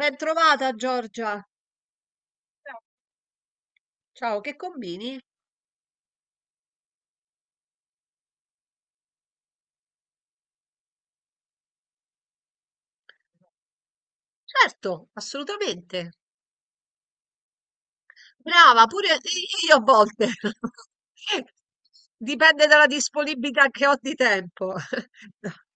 Ben trovata Giorgia. Ciao, ciao, che combini? Certo, assolutamente. Brava, pure io a volte. Dipende dalla disponibilità che ho di tempo.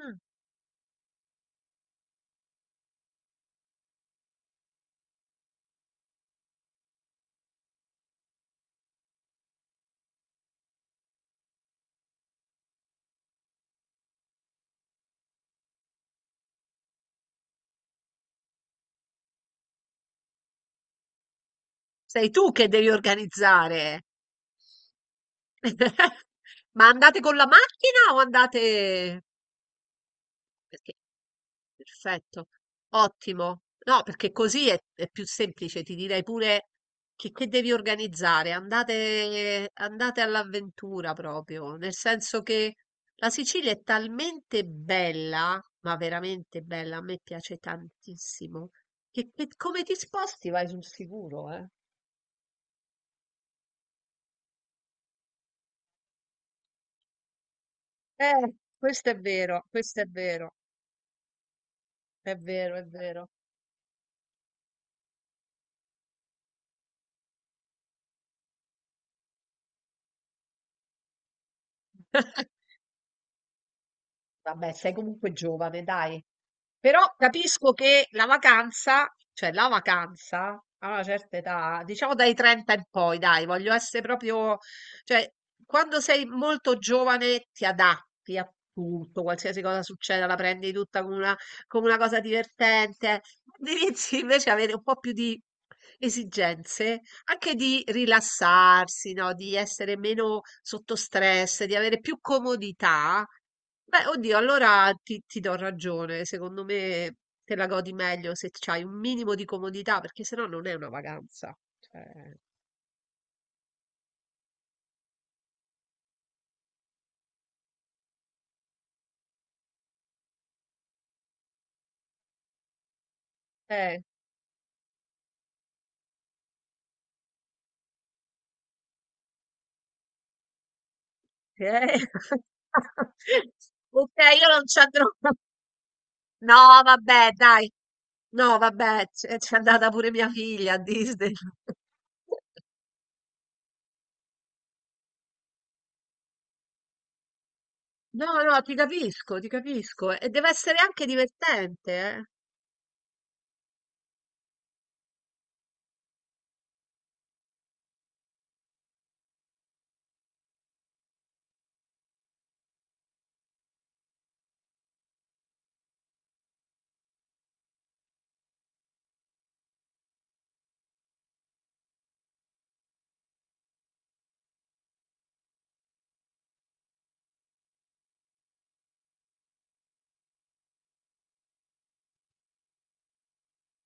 Mm, sei tu che devi organizzare. Ma andate con la macchina o andate... Perché? Perfetto, ottimo. No, perché così è più semplice, ti direi pure che devi organizzare, andate, andate all'avventura proprio, nel senso che la Sicilia è talmente bella, ma veramente bella, a me piace tantissimo, che come ti sposti vai sul sicuro, eh. Questo è vero, è vero, è vero. Vabbè, sei comunque giovane, dai. Però capisco che la vacanza, cioè la vacanza a una certa età, diciamo dai 30 in poi, dai, voglio essere proprio, cioè quando sei molto giovane ti adatti a tutto, qualsiasi cosa succeda, la prendi tutta come una cosa divertente. Quando inizi invece a avere un po' più di esigenze, anche di rilassarsi, no? Di essere meno sotto stress, di avere più comodità. Beh, oddio, allora ti do ragione. Secondo me te la godi meglio se c'hai un minimo di comodità, perché sennò non è una vacanza. Cioè, eh, eh. Ok, io non ci andrò. No, vabbè, dai. No, vabbè, c'è andata pure mia figlia a Disney. No, no, ti capisco, ti capisco. E deve essere anche divertente, eh.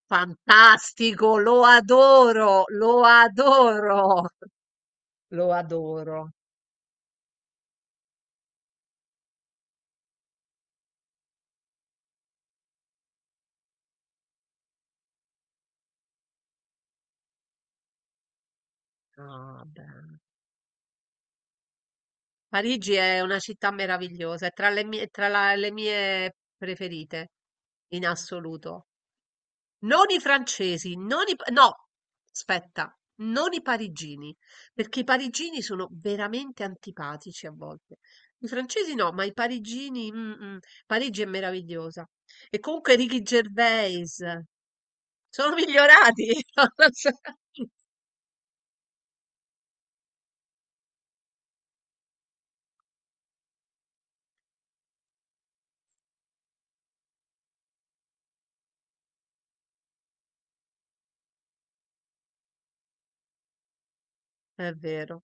Fantastico, lo adoro, lo adoro. Ah, bene. Parigi è una città meravigliosa, è tra le mie, le mie preferite in assoluto. Non i francesi, non i, pa- no, aspetta, non i parigini, perché i parigini sono veramente antipatici a volte. I francesi no, ma i parigini, Parigi è meravigliosa. E comunque Ricky Gervais, sono migliorati, non lo so. È vero.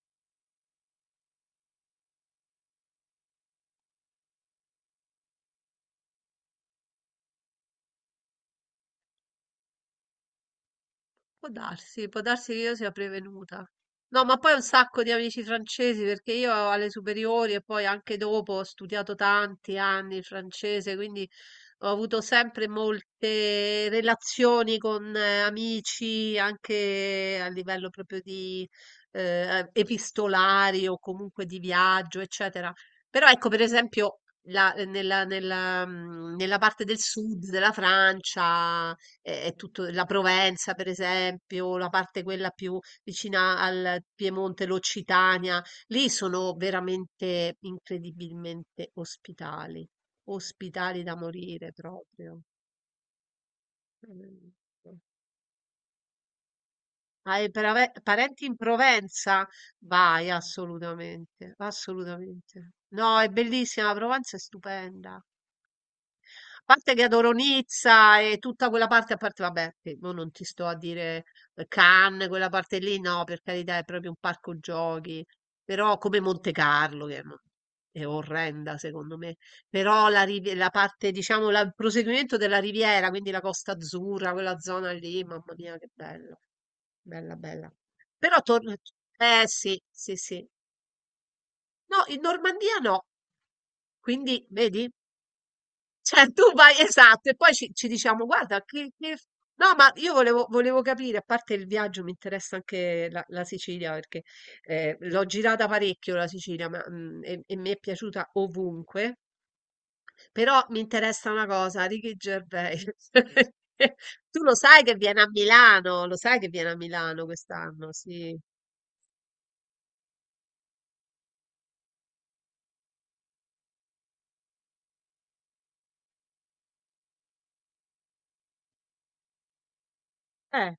Può darsi che io sia prevenuta. No, ma poi ho un sacco di amici francesi perché io alle superiori e poi anche dopo ho studiato tanti anni il francese, quindi ho avuto sempre molte relazioni con amici anche a livello proprio di epistolari o comunque di viaggio, eccetera. Però ecco, per esempio, nella parte del sud della Francia è tutto la Provenza, per esempio, la parte quella più vicina al Piemonte, l'Occitania, lì sono veramente incredibilmente ospitali, ospitali da morire proprio. Mm. Parenti in Provenza? Vai, assolutamente, assolutamente. No, è bellissima, la Provenza è stupenda. Parte che adoro Nizza e tutta quella parte, a parte, vabbè, che mo non ti sto a dire Cannes, quella parte lì, no, per carità, è proprio un parco giochi, però come Monte Carlo, che non- è orrenda secondo me, però la parte, diciamo, il proseguimento della Riviera, quindi la Costa Azzurra, quella zona lì, mamma mia, che bella, bella, bella. Però torno, eh sì, sì, sì. No, in Normandia no, quindi, vedi? Cioè, tu vai, esatto, e poi ci diciamo, guarda, no, ma io volevo, volevo capire, a parte il viaggio, mi interessa anche la Sicilia, perché l'ho girata parecchio la Sicilia, e mi è piaciuta ovunque, però mi interessa una cosa, Ricky Gervais. Tu lo sai che viene a Milano, lo sai che viene a Milano quest'anno, sì. Eh,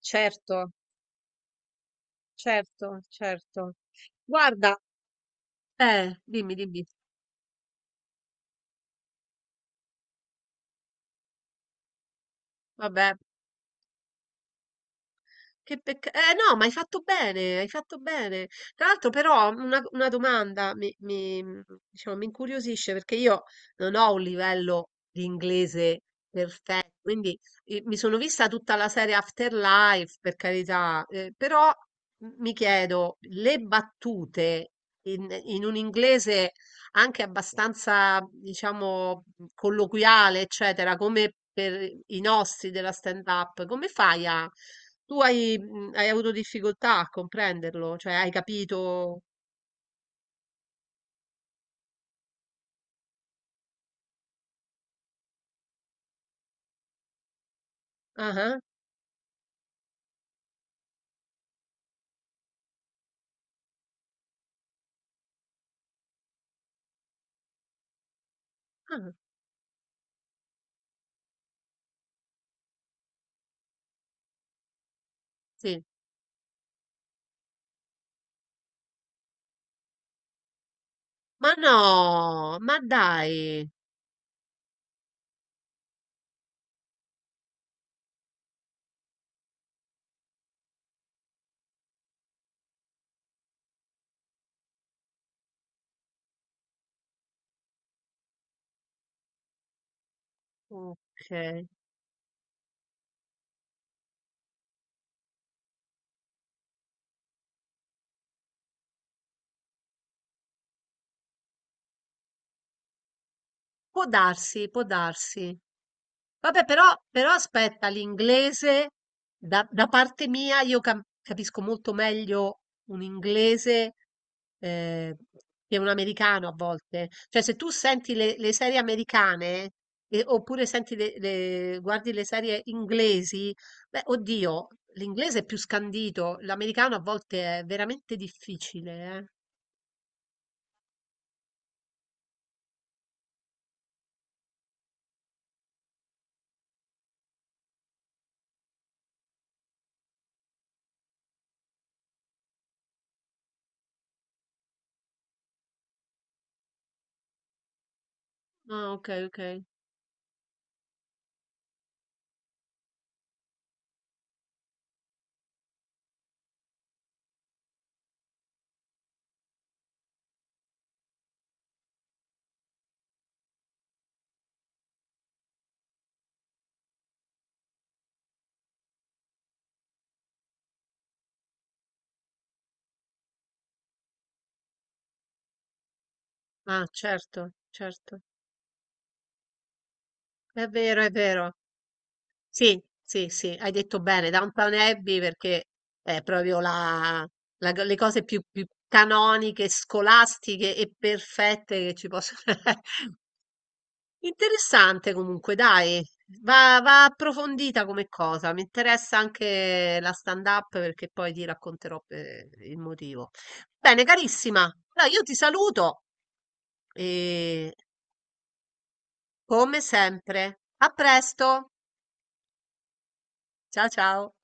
certo, certo, certo. Guarda, dimmi, dimmi, vabbè. Che peccato. Eh no, ma hai fatto bene, hai fatto bene. Tra l'altro però una domanda diciamo, mi incuriosisce perché io non ho un livello di inglese perfetto, quindi mi sono vista tutta la serie Afterlife, per carità, però mi chiedo, le battute in un inglese anche abbastanza, diciamo, colloquiale, eccetera, come per i nostri della stand-up, come fai a tu hai, mhmm, hai avuto difficoltà a comprenderlo? Cioè hai capito ah-ah, ah, ah, sì. Ma no, ma dai! Okay. Può darsi, può darsi. Vabbè, però, però aspetta, l'inglese, da parte mia, capisco molto meglio un inglese eh, che un americano a volte. Cioè, se tu senti le serie americane, oppure senti guardi le serie inglesi, beh, oddio, l'inglese è più scandito, l'americano a volte è veramente difficile, eh. Ah, ok, ok. Ah, certo, certo. È vero, è vero. Sì, sì, sì, hai detto bene, Downton Abbey perché è proprio la, le cose più, più canoniche, scolastiche e perfette che ci possono essere. Interessante comunque, dai, va, va approfondita come cosa, mi interessa anche la stand-up perché poi ti racconterò il motivo. Bene, carissima, allora io ti saluto e come sempre, a presto, ciao ciao.